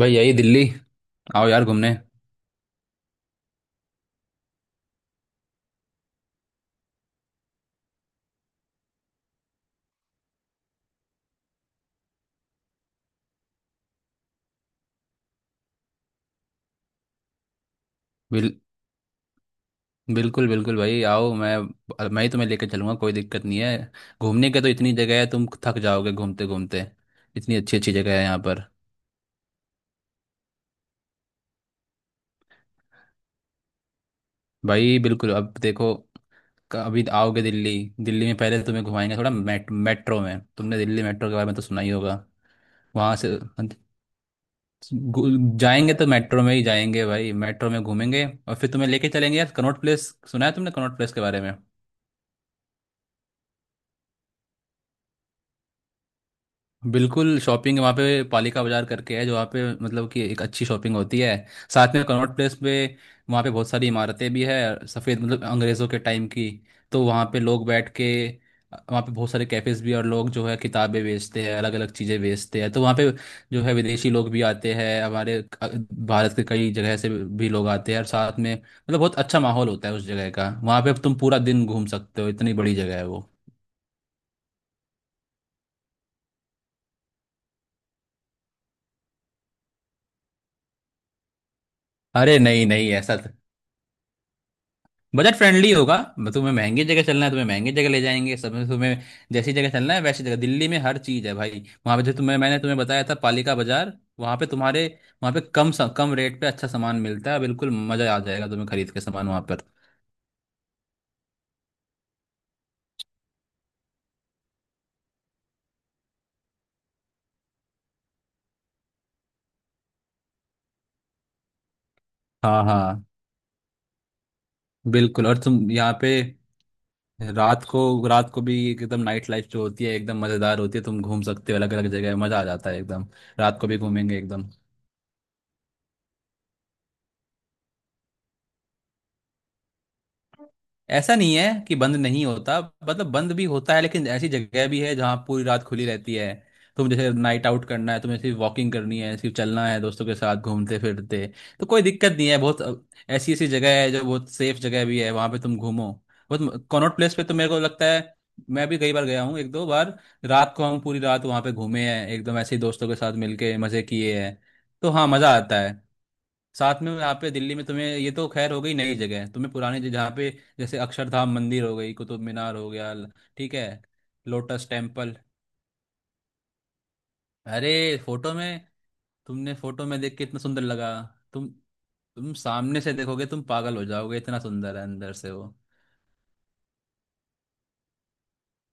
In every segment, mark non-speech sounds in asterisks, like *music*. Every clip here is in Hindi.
भाई, यही दिल्ली। आओ यार घूमने। बिल, बिल्कुल बिल्कुल भाई, आओ। मैं ही तुम्हें लेकर चलूंगा, कोई दिक्कत नहीं है। घूमने के तो इतनी जगह है, तुम थक जाओगे घूमते घूमते। इतनी अच्छी अच्छी जगह है यहाँ पर। भाई बिल्कुल, अब देखो, अभी आओगे दिल्ली। दिल्ली में पहले तुम्हें घुमाएंगे थोड़ा मेट्रो में। तुमने दिल्ली मेट्रो के बारे में तो सुना ही होगा। वहां से जाएंगे तो मेट्रो में ही जाएंगे भाई। मेट्रो में घूमेंगे और फिर तुम्हें लेके चलेंगे यार कनॉट प्लेस। सुना है तुमने कनॉट प्लेस के बारे में। बिल्कुल, शॉपिंग वहाँ पे पालिका बाजार करके है, जो वहाँ पे मतलब कि एक अच्छी शॉपिंग होती है साथ में कनॉट प्लेस पे। वहाँ पे बहुत सारी इमारतें भी है सफ़ेद, मतलब अंग्रेज़ों के टाइम की। तो वहाँ पे लोग बैठ के, वहाँ पे बहुत सारे कैफ़ेज़ भी हैं और लोग जो है किताबें बेचते हैं, अलग अलग चीज़ें बेचते हैं। तो वहाँ पे जो है विदेशी लोग भी आते हैं, हमारे भारत के कई जगह से भी लोग आते हैं और साथ में मतलब बहुत अच्छा माहौल होता है उस जगह का। वहाँ पे तुम पूरा दिन घूम सकते हो, इतनी बड़ी जगह है वो। अरे नहीं नहीं, ऐसा बजट फ्रेंडली होगा। तुम्हें महंगी जगह चलना है, तुम्हें महंगी जगह ले जाएंगे सब तुम्हें। जैसी जगह चलना है वैसी जगह दिल्ली में हर चीज़ है भाई। वहाँ पे जो तुम्हें, मैंने तुम्हें बताया था पालिका बाजार। वहाँ पे तुम्हारे, वहाँ पे कम रेट पे अच्छा सामान मिलता है। बिल्कुल मज़ा आ जाएगा तुम्हें खरीद के सामान वहाँ पर। हाँ हाँ, बिल्कुल। और तुम यहाँ पे रात को, रात को भी एकदम नाइट लाइफ जो होती है एकदम मज़ेदार होती है। तुम घूम सकते हो अलग अलग जगह, मज़ा आ जाता है एकदम। रात को भी घूमेंगे एकदम। ऐसा नहीं है कि बंद नहीं होता, मतलब बंद भी होता है, लेकिन ऐसी जगह भी है जहाँ पूरी रात खुली रहती है। तुम जैसे नाइट आउट करना है तुम्हें, सिर्फ वॉकिंग करनी है, सिर्फ चलना है दोस्तों के साथ घूमते फिरते तो कोई दिक्कत नहीं है। बहुत ऐसी ऐसी जगह है जो बहुत सेफ जगह भी है, वहाँ पे तुम घूमो। बहुत कॉनॉट प्लेस पे तो मेरे को लगता है, मैं भी कई बार गया हूँ। एक दो बार रात को हम पूरी रात वहाँ पे घूमे हैं एकदम ऐसे ही, दोस्तों के साथ मिलके मजे किए हैं। तो हाँ, मजा आता है। साथ में यहाँ पे दिल्ली में तुम्हें ये तो खैर हो गई नई जगह, तुम्हें जहाँ पे जैसे अक्षरधाम मंदिर हो गई, कुतुब मीनार हो गया, ठीक है, लोटस टेम्पल। अरे फोटो में, तुमने फोटो में देख के इतना सुंदर लगा, तुम तुम सामने से देखोगे तुम पागल हो जाओगे, इतना सुंदर है अंदर से वो।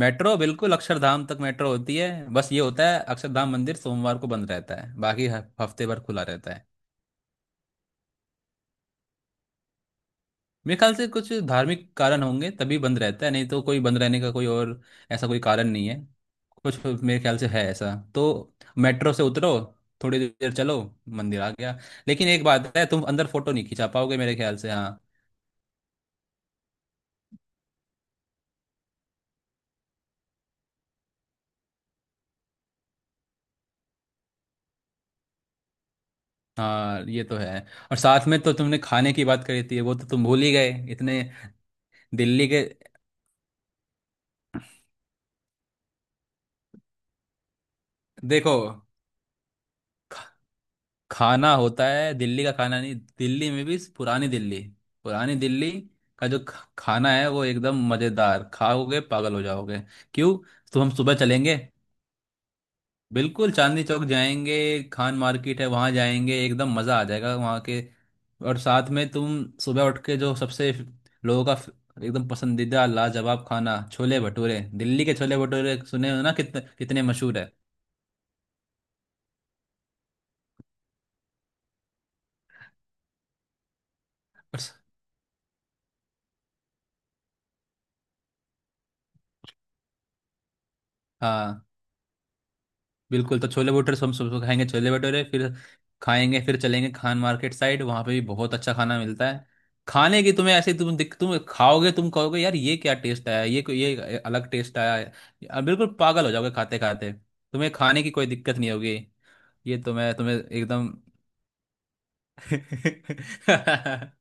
मेट्रो बिल्कुल, अक्षरधाम तक मेट्रो होती है। बस ये होता है अक्षरधाम मंदिर सोमवार को बंद रहता है, बाकी हफ्ते भर खुला रहता है। मेरे ख्याल से कुछ धार्मिक कारण होंगे तभी बंद रहता है, नहीं तो कोई बंद रहने का कोई और ऐसा कोई कारण नहीं है। कुछ मेरे ख्याल से है ऐसा तो। मेट्रो से उतरो, थोड़ी देर चलो, मंदिर आ गया। लेकिन एक बात है, तुम अंदर फोटो नहीं खिंचा पाओगे मेरे ख्याल से, हाँ। हाँ ये तो है। और साथ में तो तुमने खाने की बात करी थी, वो तो तुम भूल ही गए इतने। दिल्ली के देखो, खाना होता है दिल्ली का खाना, नहीं दिल्ली में भी पुरानी दिल्ली का जो खाना है वो एकदम मजेदार, खाओगे पागल हो जाओगे। क्यों? तो हम सुबह चलेंगे, बिल्कुल चांदनी चौक जाएंगे। खान मार्केट है, वहां जाएंगे, एकदम मजा आ जाएगा वहां के। और साथ में तुम सुबह उठ के जो सबसे लोगों का एकदम पसंदीदा लाजवाब खाना, छोले भटूरे, दिल्ली के छोले भटूरे सुने हो ना, कितने कितने मशहूर है। हाँ बिल्कुल, तो छोले भटूरे, सब सबको खाएंगे छोले भटूरे, फिर खाएंगे, फिर चलेंगे खान मार्केट साइड, वहाँ पे भी बहुत अच्छा खाना मिलता है। खाने की तुम्हें ऐसे, तुम दिख तुम खाओगे, तुम कहोगे यार ये क्या टेस्ट आया, ये कोई- ये अलग टेस्ट आया है। अब बिल्कुल पागल हो जाओगे खाते खाते, तुम्हें खाने की कोई दिक्कत नहीं होगी। ये तो मैं तुम्हें एकदम *laughs*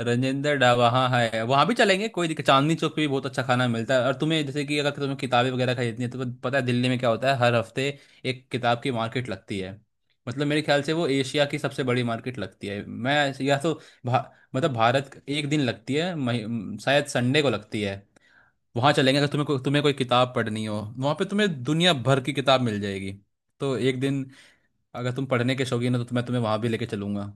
रजेंद्र डा वहाँ है, वहाँ भी चलेंगे, कोई दिक्कत। चांदनी चौक पे भी बहुत अच्छा खाना मिलता है। और तुम्हें जैसे कि अगर तुम्हें किताबें वगैरह खरीदनी है, तो पता है दिल्ली में क्या होता है? हर हफ्ते एक किताब की मार्केट लगती है, मतलब मेरे ख्याल से वो एशिया की सबसे बड़ी मार्केट लगती है। मैं या तो मतलब भारत, एक दिन लगती है, शायद संडे को लगती है। वहाँ चलेंगे, अगर तुम्हें तुम्हें कोई किताब पढ़नी हो, वहाँ पे तुम्हें दुनिया भर की किताब मिल जाएगी। तो एक दिन, अगर तुम पढ़ने के शौकीन हो तो मैं तुम्हें वहाँ भी लेके चलूंगा।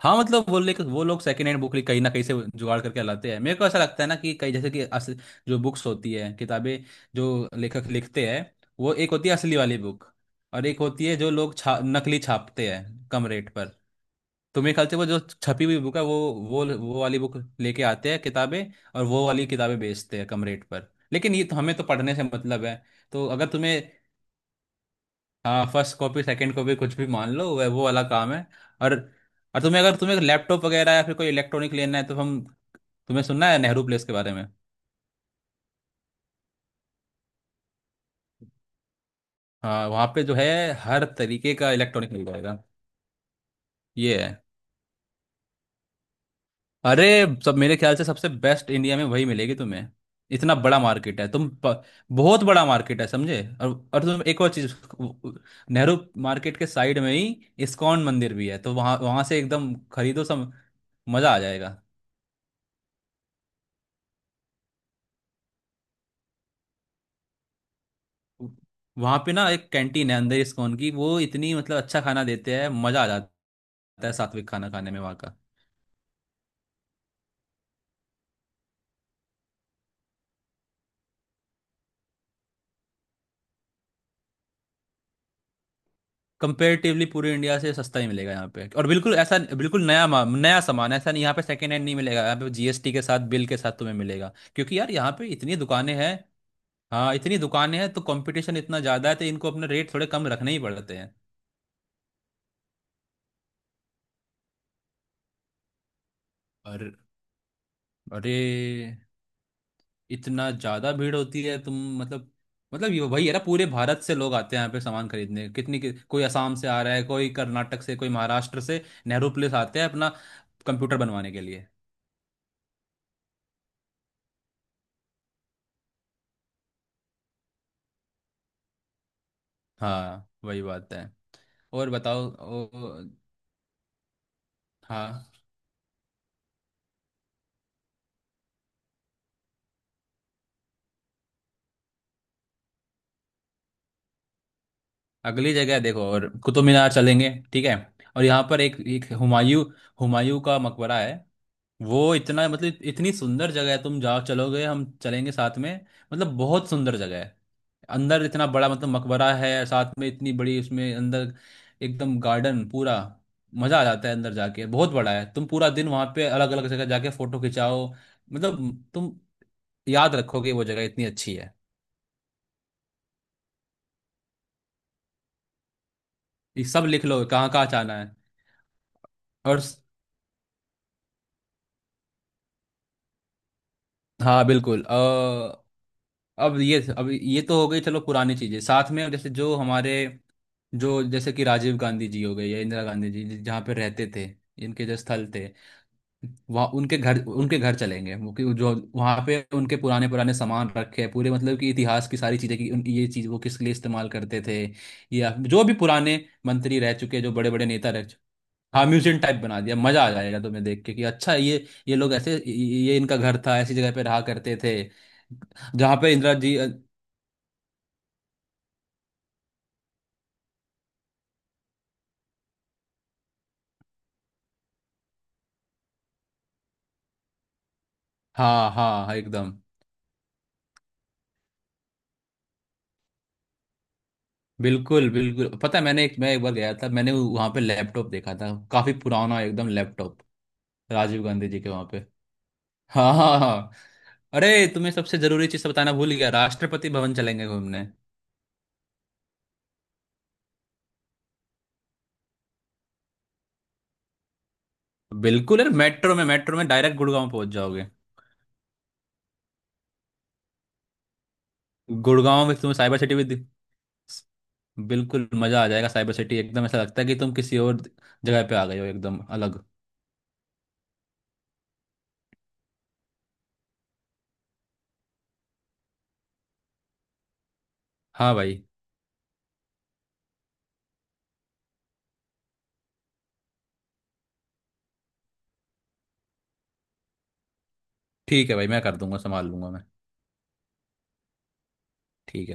हाँ मतलब वो लेकर, वो लोग सेकंड हैंड बुक कहीं ना कहीं से जुगाड़ करके लाते हैं, मेरे को ऐसा लगता है ना, कि कई जैसे कि जो बुक्स होती है, किताबें, जो लेखक लिखते हैं, वो एक होती है असली वाली बुक, और एक होती है जो लोग नकली छापते हैं कम रेट पर। तो मेरे ख्याल से वो जो छपी हुई बुक है वो वाली बुक लेके आते हैं किताबें, और वो वाली किताबें बेचते हैं कम रेट पर, लेकिन ये तो हमें तो पढ़ने से मतलब है। तो अगर तुम्हें, हाँ फर्स्ट कॉपी सेकंड कॉपी कुछ भी मान लो, वह वो वाला काम है। और तुम्हें, अगर तुम्हें लैपटॉप वगैरह या फिर कोई इलेक्ट्रॉनिक लेना है तो हम, तुम्हें सुनना है नेहरू प्लेस के बारे में। हाँ, वहाँ पे जो है हर तरीके का इलेक्ट्रॉनिक मिल जाएगा। ये है, अरे सब मेरे ख्याल से सबसे बेस्ट इंडिया में वही मिलेगी तुम्हें। इतना बड़ा मार्केट है, बहुत बड़ा मार्केट है, समझे? और तुम एक और चीज, नेहरू मार्केट के साइड में ही इस्कॉन मंदिर भी है, तो वहाँ वहाँ से एकदम खरीदो सब, मजा आ जाएगा। वहां पे ना एक कैंटीन है अंदर इस्कॉन की, वो इतनी मतलब अच्छा खाना देते हैं, मजा आ जाता है सात्विक खाना खाने में वहाँ का। कंपेरेटिवली पूरे इंडिया से सस्ता ही मिलेगा यहाँ पे, और बिल्कुल ऐसा, बिल्कुल नया, नया सामान है, ऐसा नहीं यहाँ पे सेकेंड हैंड नहीं मिलेगा, यहाँ पे जीएसटी के साथ, बिल के साथ तुम्हें मिलेगा, क्योंकि यार यहाँ पे इतनी दुकानें हैं। हाँ इतनी दुकानें हैं, तो कंपटीशन इतना ज्यादा है, तो इनको अपने रेट थोड़े कम रखने ही पड़ते हैं। और अरे, इतना ज्यादा भीड़ होती है तुम, मतलब मतलब ये वही है ना पूरे भारत से लोग आते हैं यहाँ पे सामान खरीदने, कोई असम से आ रहा है, कोई कर्नाटक से, कोई महाराष्ट्र से, नेहरू प्लेस आते हैं अपना कंप्यूटर बनवाने के लिए। हाँ वही बात है। और बताओ, हाँ, अगली जगह है, देखो और कुतुब मीनार चलेंगे, ठीक है। और यहाँ पर एक एक हुमायूं हुमायूं का मकबरा है। वो इतना मतलब इतनी सुंदर जगह है, तुम जाओ, चलोगे हम चलेंगे साथ में, मतलब बहुत सुंदर जगह है। अंदर इतना बड़ा मतलब मकबरा है, साथ में इतनी बड़ी उसमें अंदर एकदम गार्डन पूरा, मजा आ जाता है अंदर जाके। बहुत बड़ा है, तुम पूरा दिन वहां पे अलग अलग जगह जाके फोटो खिंचाओ, मतलब तुम याद रखोगे, वो जगह इतनी अच्छी है। ये सब लिख लो कहाँ कहाँ जाना है। और हाँ बिल्कुल, अब ये, तो हो गई चलो पुरानी चीजें, साथ में जैसे जो हमारे, जो जैसे कि राजीव गांधी जी हो गए या इंदिरा गांधी जी जहाँ पे रहते थे, इनके जो स्थल थे, वहाँ उनके घर, उनके घर चलेंगे। वो कि जो वहाँ पे उनके पुराने पुराने सामान रखे हैं पूरे, मतलब कि इतिहास की सारी चीज़ें, कि ये चीज़ वो किस लिए इस्तेमाल करते थे, या जो भी पुराने मंत्री रह चुके, जो बड़े बड़े नेता रह। हाँ म्यूजियम टाइप बना दिया, मजा आ जाएगा तुम्हें देख के कि अच्छा, ये लोग ऐसे, ये इनका घर था, ऐसी जगह पे रहा करते थे, जहाँ पे इंदिरा जी। हाँ हाँ हाँ, एकदम बिल्कुल बिल्कुल, पता है, मैं एक बार गया था, मैंने वहाँ पे लैपटॉप देखा था काफी पुराना एकदम लैपटॉप, राजीव गांधी जी के वहाँ पे। हाँ हाँ हाँ। अरे तुम्हें सबसे जरूरी चीज बताना भूल गया, राष्ट्रपति भवन चलेंगे घूमने। बिल्कुल यार, मेट्रो में, मेट्रो में डायरेक्ट गुड़गांव पहुंच जाओगे। गुड़गांव में तुम्हें साइबर सिटी भी बिल्कुल मजा आ जाएगा। साइबर सिटी एकदम ऐसा लगता है कि तुम किसी और जगह पे आ गए हो, एकदम अलग। हाँ भाई, ठीक है भाई, मैं कर दूंगा, संभाल लूंगा मैं। ठीक है।